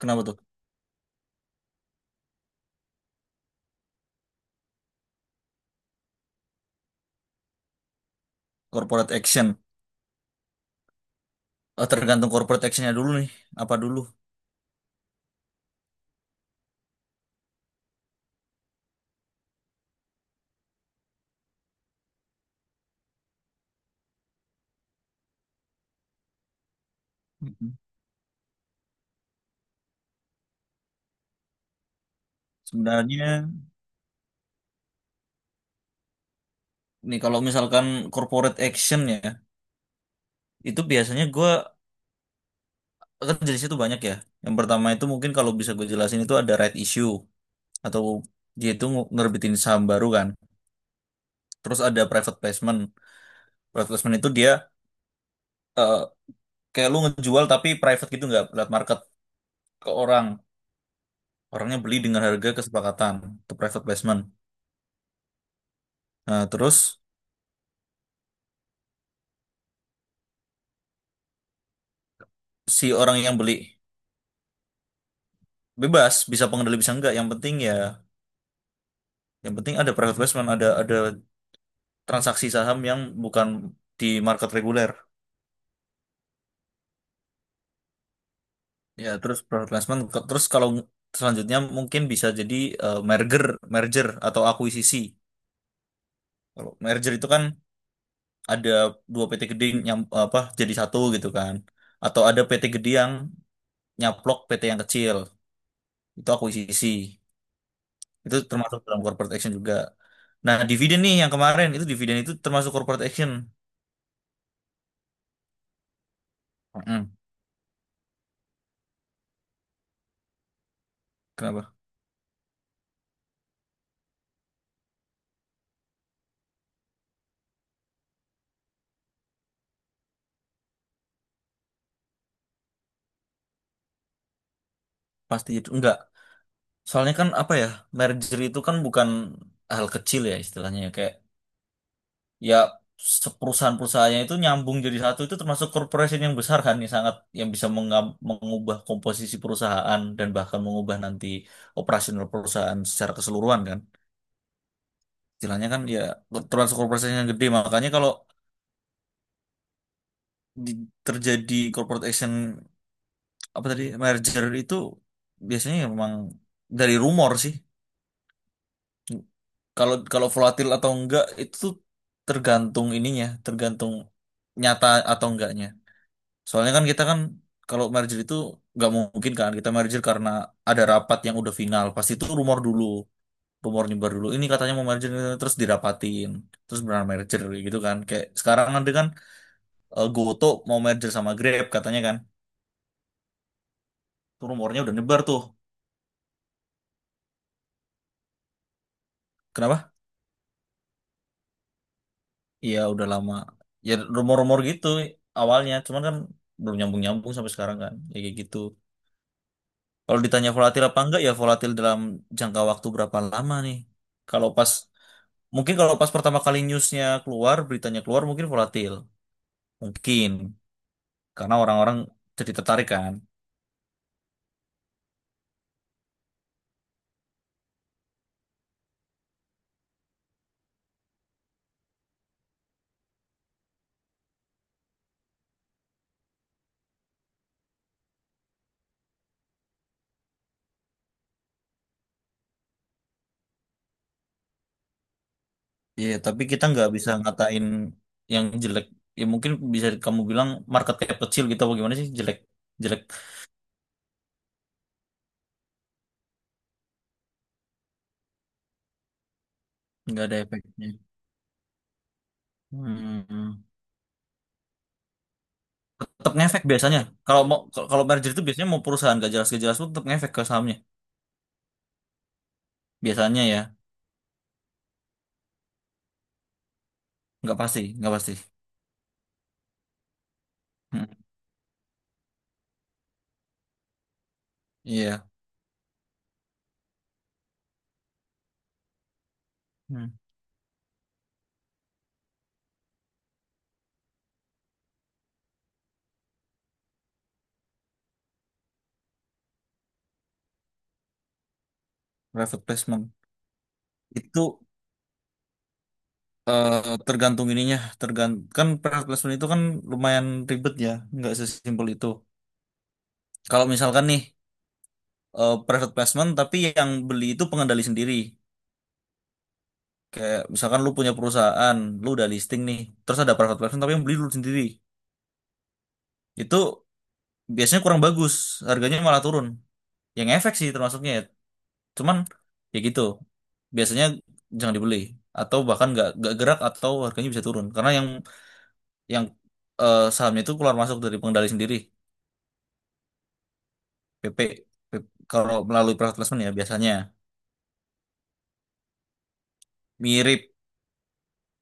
Kenapa tuh? Corporate action. Oh, tergantung corporate actionnya dulu nih. Apa dulu? Mm. Sebenarnya nih kalau misalkan corporate action ya, itu biasanya gue kan jenisnya tuh banyak ya. Yang pertama itu mungkin kalau bisa gue jelasin itu ada right issue, atau dia itu ngerbitin saham baru kan. Terus ada private placement. Private placement itu dia eh, kayak lu ngejual tapi private gitu, nggak lewat market, ke orang. Orangnya beli dengan harga kesepakatan. Itu private placement. Nah, terus si orang yang beli bebas, bisa pengendali bisa enggak. Yang penting ya, yang penting ada private placement, ada transaksi saham yang bukan di market reguler. Ya terus private placement terus kalau selanjutnya mungkin bisa jadi merger merger atau akuisisi. Kalau merger itu kan ada dua PT gede yang apa, jadi satu gitu kan, atau ada PT gede yang nyaplok PT yang kecil, itu akuisisi. Itu termasuk dalam corporate action juga. Nah, dividen nih yang kemarin itu, dividen itu termasuk corporate action. Mm-mm. Kenapa? Pasti itu enggak. Soalnya kan apa ya, merger itu kan bukan hal kecil ya istilahnya ya. Kayak ya, perusahaan-perusahaannya itu nyambung jadi satu, itu termasuk corporation yang besar kan, yang sangat, yang bisa mengubah komposisi perusahaan dan bahkan mengubah nanti operasional perusahaan secara keseluruhan kan. Istilahnya kan ya, termasuk corporation yang gede. Makanya kalau di- terjadi corporate action apa tadi, merger itu, biasanya ya memang dari rumor sih. Kalau kalau volatil atau enggak itu tuh tergantung ininya, tergantung nyata atau enggaknya. Soalnya kan kita kan, kalau merger itu nggak mungkin kan kita merger karena ada rapat yang udah final. Pasti itu rumor dulu, rumor nyebar dulu. Ini katanya mau merger terus dirapatin, terus benar merger kayak gitu kan. Kayak sekarang kan dia kan GoTo mau merger sama Grab katanya kan. Tuh rumornya udah nyebar tuh. Kenapa? Iya udah lama. Ya rumor-rumor gitu awalnya, cuman kan belum nyambung-nyambung sampai sekarang kan. Ya kayak gitu. Kalau ditanya volatil apa enggak, ya volatil dalam jangka waktu berapa lama nih. Kalau pas, mungkin kalau pas pertama kali newsnya keluar, beritanya keluar, mungkin volatil mungkin, karena orang-orang jadi tertarik kan. Iya tapi kita nggak bisa ngatain yang jelek. Ya mungkin bisa kamu bilang market cap kecil gitu apa gimana sih jelek, jelek nggak ada efeknya. Hmm. Tetap ngefek biasanya. Kalau mau, kalau merger itu biasanya mau perusahaan gak jelas-gak jelas pun tetap ngefek ke sahamnya. Biasanya ya nggak pasti, nggak pasti. Hmm. Iya. Hmm. Private placement itu eh, tergantung ininya, tergantung, kan private placement itu kan lumayan ribet ya, nggak sesimpel itu. Kalau misalkan nih private placement tapi yang beli itu pengendali sendiri. Kayak misalkan lu punya perusahaan, lu udah listing nih, terus ada private placement tapi yang beli lu sendiri. Itu biasanya kurang bagus, harganya malah turun. Yang efek sih termasuknya ya. Cuman ya gitu. Biasanya jangan dibeli, atau bahkan nggak gerak, atau harganya bisa turun karena yang sahamnya itu keluar masuk dari pengendali sendiri. PP, P P, kalau melalui private placement ya biasanya mirip,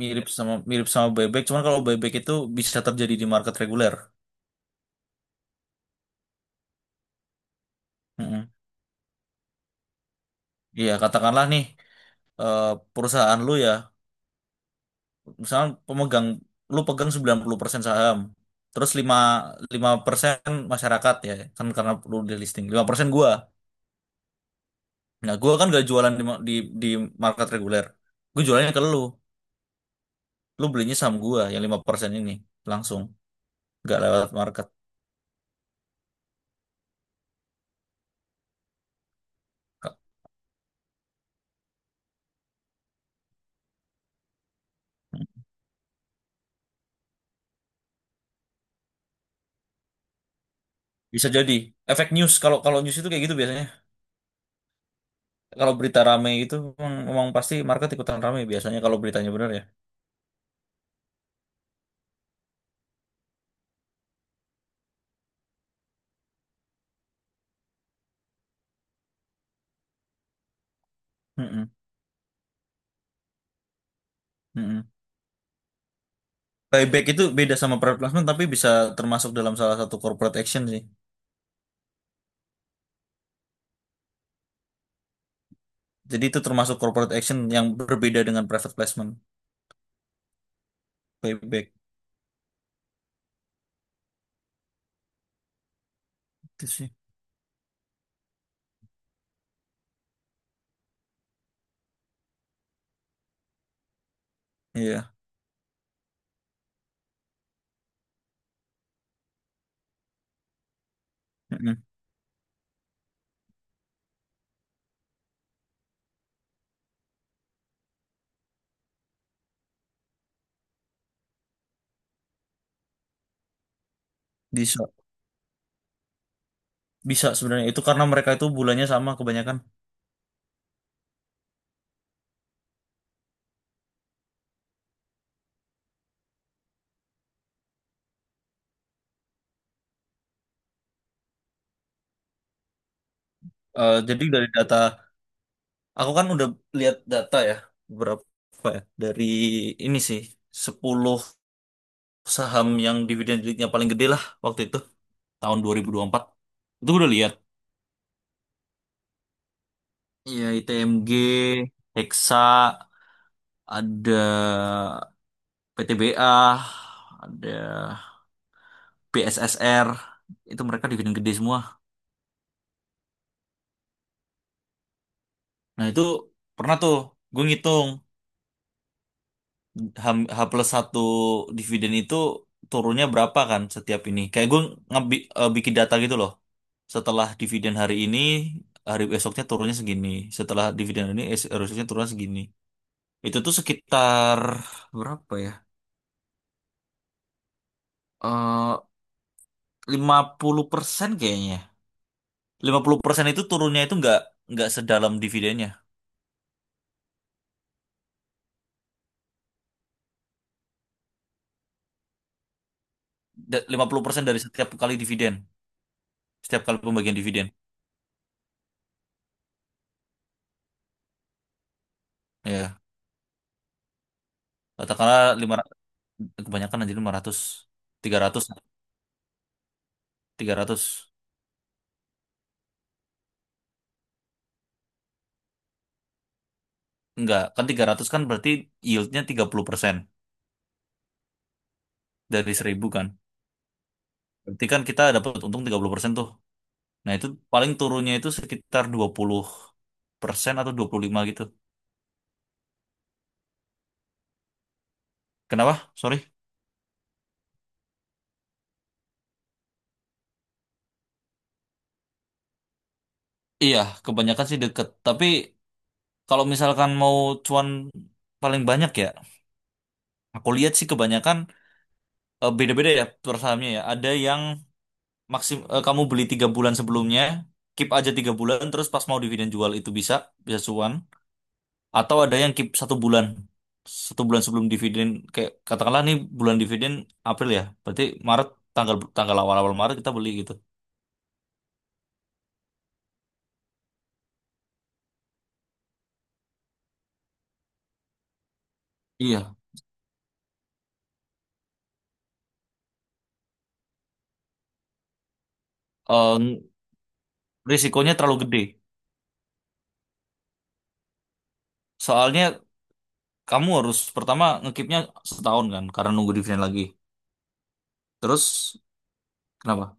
mirip sama buyback. Cuman kalau buyback itu bisa terjadi di market reguler. Mm-mm. Iya katakanlah nih eh, perusahaan lu ya, misalnya pemegang, lu pegang 90% saham, terus lima lima persen, masyarakat ya kan karena lu di listing. Lima persen gua, nah gua kan gak jualan di di market reguler. Gua jualannya ke lu lu belinya saham gua yang 5% ini langsung, nggak lewat market. Bisa jadi efek news. Kalau kalau news itu kayak gitu, biasanya kalau berita rame itu emang pasti market ikutan rame biasanya kalau beritanya benar ya. Mm-mm, mm-mm. Buyback itu beda sama private placement tapi bisa termasuk dalam salah satu corporate action sih. Jadi itu termasuk corporate action yang berbeda dengan private placement. Buyback itu sih iya. Mm-mm. Bisa, bisa. Sebenarnya itu karena mereka itu bulannya sama kebanyakan. Jadi dari data, aku kan udah lihat data ya, berapa ya? Dari ini sih, 10 saham yang dividen yieldnya paling gede lah waktu itu, tahun dua 2024. Itu gue udah lihat. Iya, ITMG, Hexa, ada PTBA, ada BSSR, itu mereka dividen gede semua. Nah itu pernah tuh gue ngitung, H, H plus satu, dividen itu turunnya berapa kan setiap ini? Kayak gue bikin data gitu loh. Setelah dividen hari ini, hari esoknya turunnya segini. Setelah dividen hari ini, hari esoknya turunnya segini. Itu tuh sekitar berapa ya? Eh 50% kayaknya. 50% itu turunnya itu nggak sedalam dividennya. 50% dari setiap kali dividen, setiap kali pembagian dividen. Ya, katakanlah 500, kebanyakan anjir lima ratus, tiga ratus. Tiga ratus. Enggak, kan 300 kan berarti yieldnya 30% dari 1000 kan. Berarti kan kita dapat untung 30% tuh. Nah itu paling turunnya itu sekitar 20% atau 25 gitu. Kenapa? Sorry. Iya, kebanyakan sih deket. Tapi kalau misalkan mau cuan paling banyak ya, aku lihat sih kebanyakan beda-beda ya per sahamnya ya. Ada yang kamu beli tiga bulan sebelumnya, keep aja tiga bulan, terus pas mau dividen jual itu bisa, cuan. Atau ada yang keep satu bulan. Satu bulan sebelum dividen. Kayak katakanlah nih bulan dividen April ya. Berarti Maret, tanggal tanggal awal-awal Maret kita beli gitu. Iya. Em, risikonya terlalu gede. Soalnya kamu harus pertama ngekipnya setahun kan karena nunggu dividen lagi. Terus kenapa?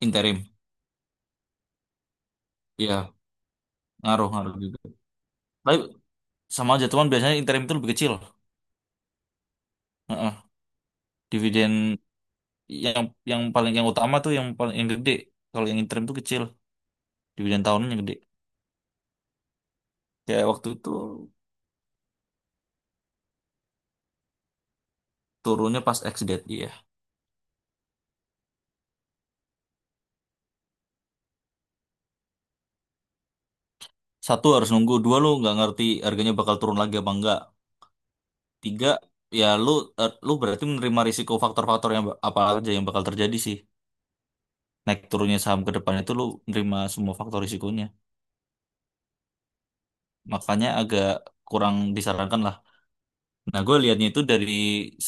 Interim. Iya, ngaruh ngaruh juga. Tapi sama aja, cuman biasanya interim itu lebih kecil. Heeh. Dividen yang yang paling, yang utama tuh yang paling, yang gede. Kalau yang interim tuh kecil, dividen tahunan yang gede. Kayak waktu itu turunnya pas ex-date ya. Satu, harus nunggu. Dua, lu nggak ngerti harganya bakal turun lagi apa enggak. Tiga, ya lu eh, lu berarti menerima risiko, faktor-faktor yang apa aja yang bakal terjadi sih. Naik turunnya saham ke depan itu lu menerima semua faktor risikonya. Makanya agak kurang disarankan lah. Nah, gue liatnya itu dari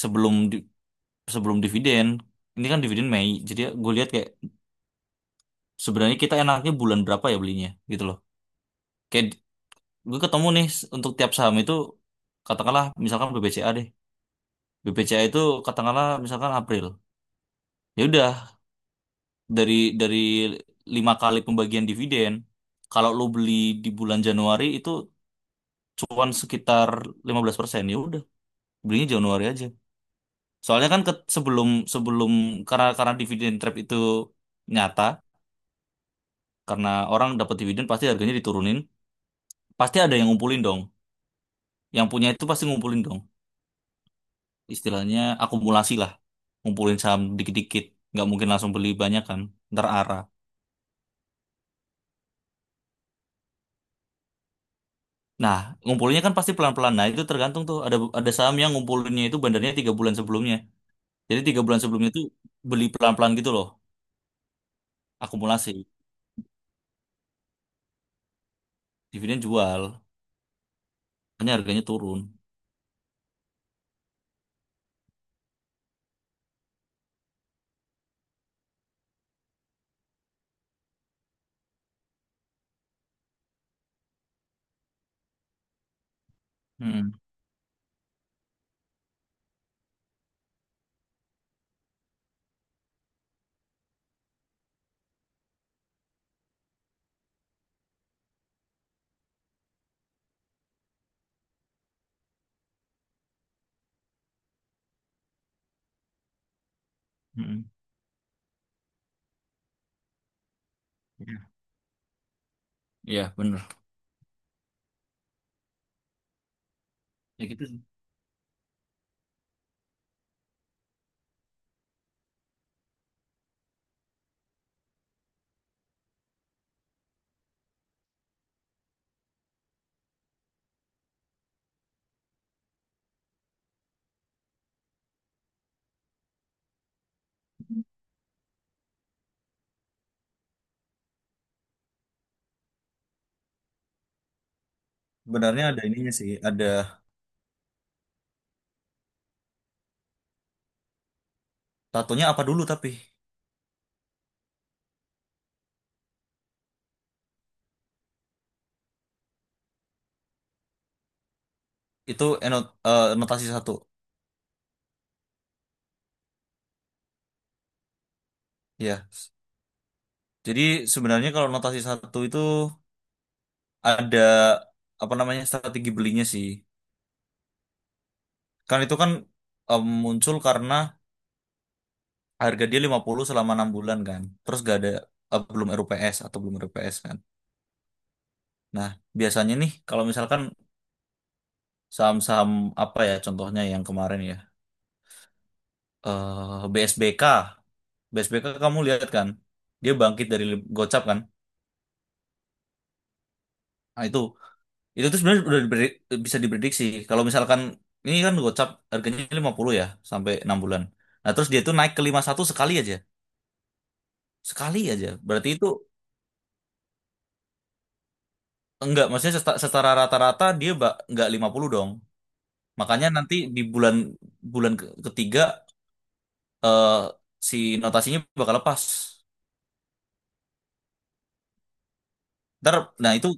sebelum di- sebelum dividen. Ini kan dividen Mei. Jadi gue lihat kayak sebenarnya kita enaknya bulan berapa ya belinya gitu loh. Kayak gue ketemu nih untuk tiap saham itu, katakanlah misalkan BBCA deh. BBCA itu katakanlah misalkan April. Ya udah, dari dari lima kali pembagian dividen, kalau lo beli di bulan Januari itu cuan sekitar 15%. Ya udah, belinya Januari aja. Soalnya kan ke- sebelum sebelum, karena dividen trap itu nyata, karena orang dapat dividen pasti harganya diturunin, pasti ada yang ngumpulin dong. Yang punya itu pasti ngumpulin dong. Istilahnya akumulasi lah, ngumpulin saham dikit-dikit. Nggak mungkin langsung beli banyak kan, ntar arah. Nah, ngumpulinnya kan pasti pelan-pelan. Nah itu tergantung tuh, ada saham yang ngumpulinnya itu bandarnya tiga bulan sebelumnya. Jadi tiga bulan sebelumnya itu beli pelan-pelan gitu loh. Akumulasi, dividen jual, makanya harganya turun. Mm-mm. Mm-mm. Iya, Iya, bener. Ya gitu sih. Sebenarnya ada ininya sih, ada tatonya apa dulu tapi itu notasi satu. Ya. Jadi sebenarnya kalau notasi satu itu ada apa namanya strategi belinya sih. Kan itu kan muncul karena harga dia 50 selama enam bulan kan. Terus gak ada belum RUPS atau belum RUPS kan. Nah, biasanya nih kalau misalkan saham-saham apa ya contohnya yang kemarin ya. BSBK. BSBK kamu lihat kan. Dia bangkit dari Gocap kan. Nah, itu tuh sebenarnya udah bisa diprediksi. Kalau misalkan ini kan Gocap, harganya 50 ya sampai enam bulan. Nah, terus dia tuh naik ke 51 sekali aja. Sekali aja. Berarti itu enggak, maksudnya secara rata-rata dia enggak 50 dong. Makanya nanti di bulan bulan ketiga, eh si notasinya bakal lepas. Ntar, nah itu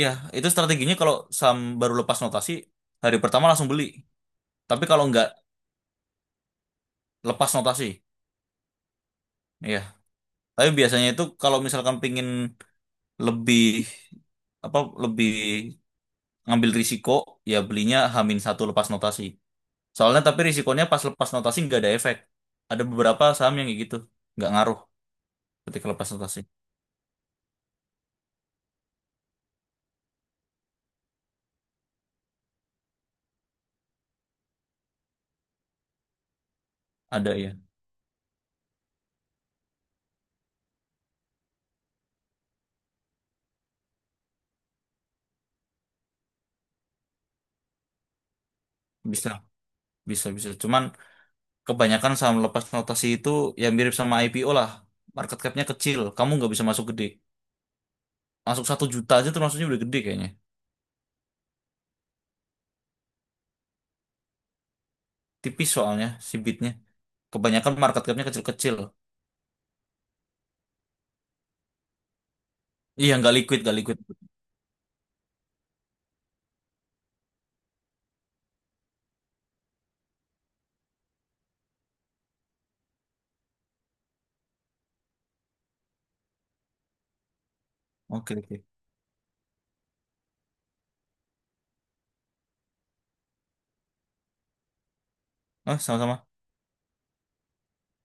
ya itu strateginya, kalau Sam baru lepas notasi hari pertama langsung beli. Tapi kalau enggak lepas notasi, ya. Tapi biasanya itu kalau misalkan pingin lebih, apa, lebih ngambil risiko, ya belinya Hamin satu lepas notasi. Soalnya tapi risikonya pas lepas notasi nggak ada efek. Ada beberapa saham yang kayak gitu. Nggak ngaruh ketika lepas notasi. Ada ya. Bisa. Bisa, bisa. Cuman kebanyakan saham lepas notasi itu ya mirip sama IPO lah. Market capnya kecil. Kamu nggak bisa masuk gede. Masuk satu juta aja tuh maksudnya udah gede kayaknya. Tipis soalnya si bitnya. Kebanyakan market capnya kecil-kecil. Iya nggak liquid, nggak liquid. Oke, oke. Oh, sama-sama.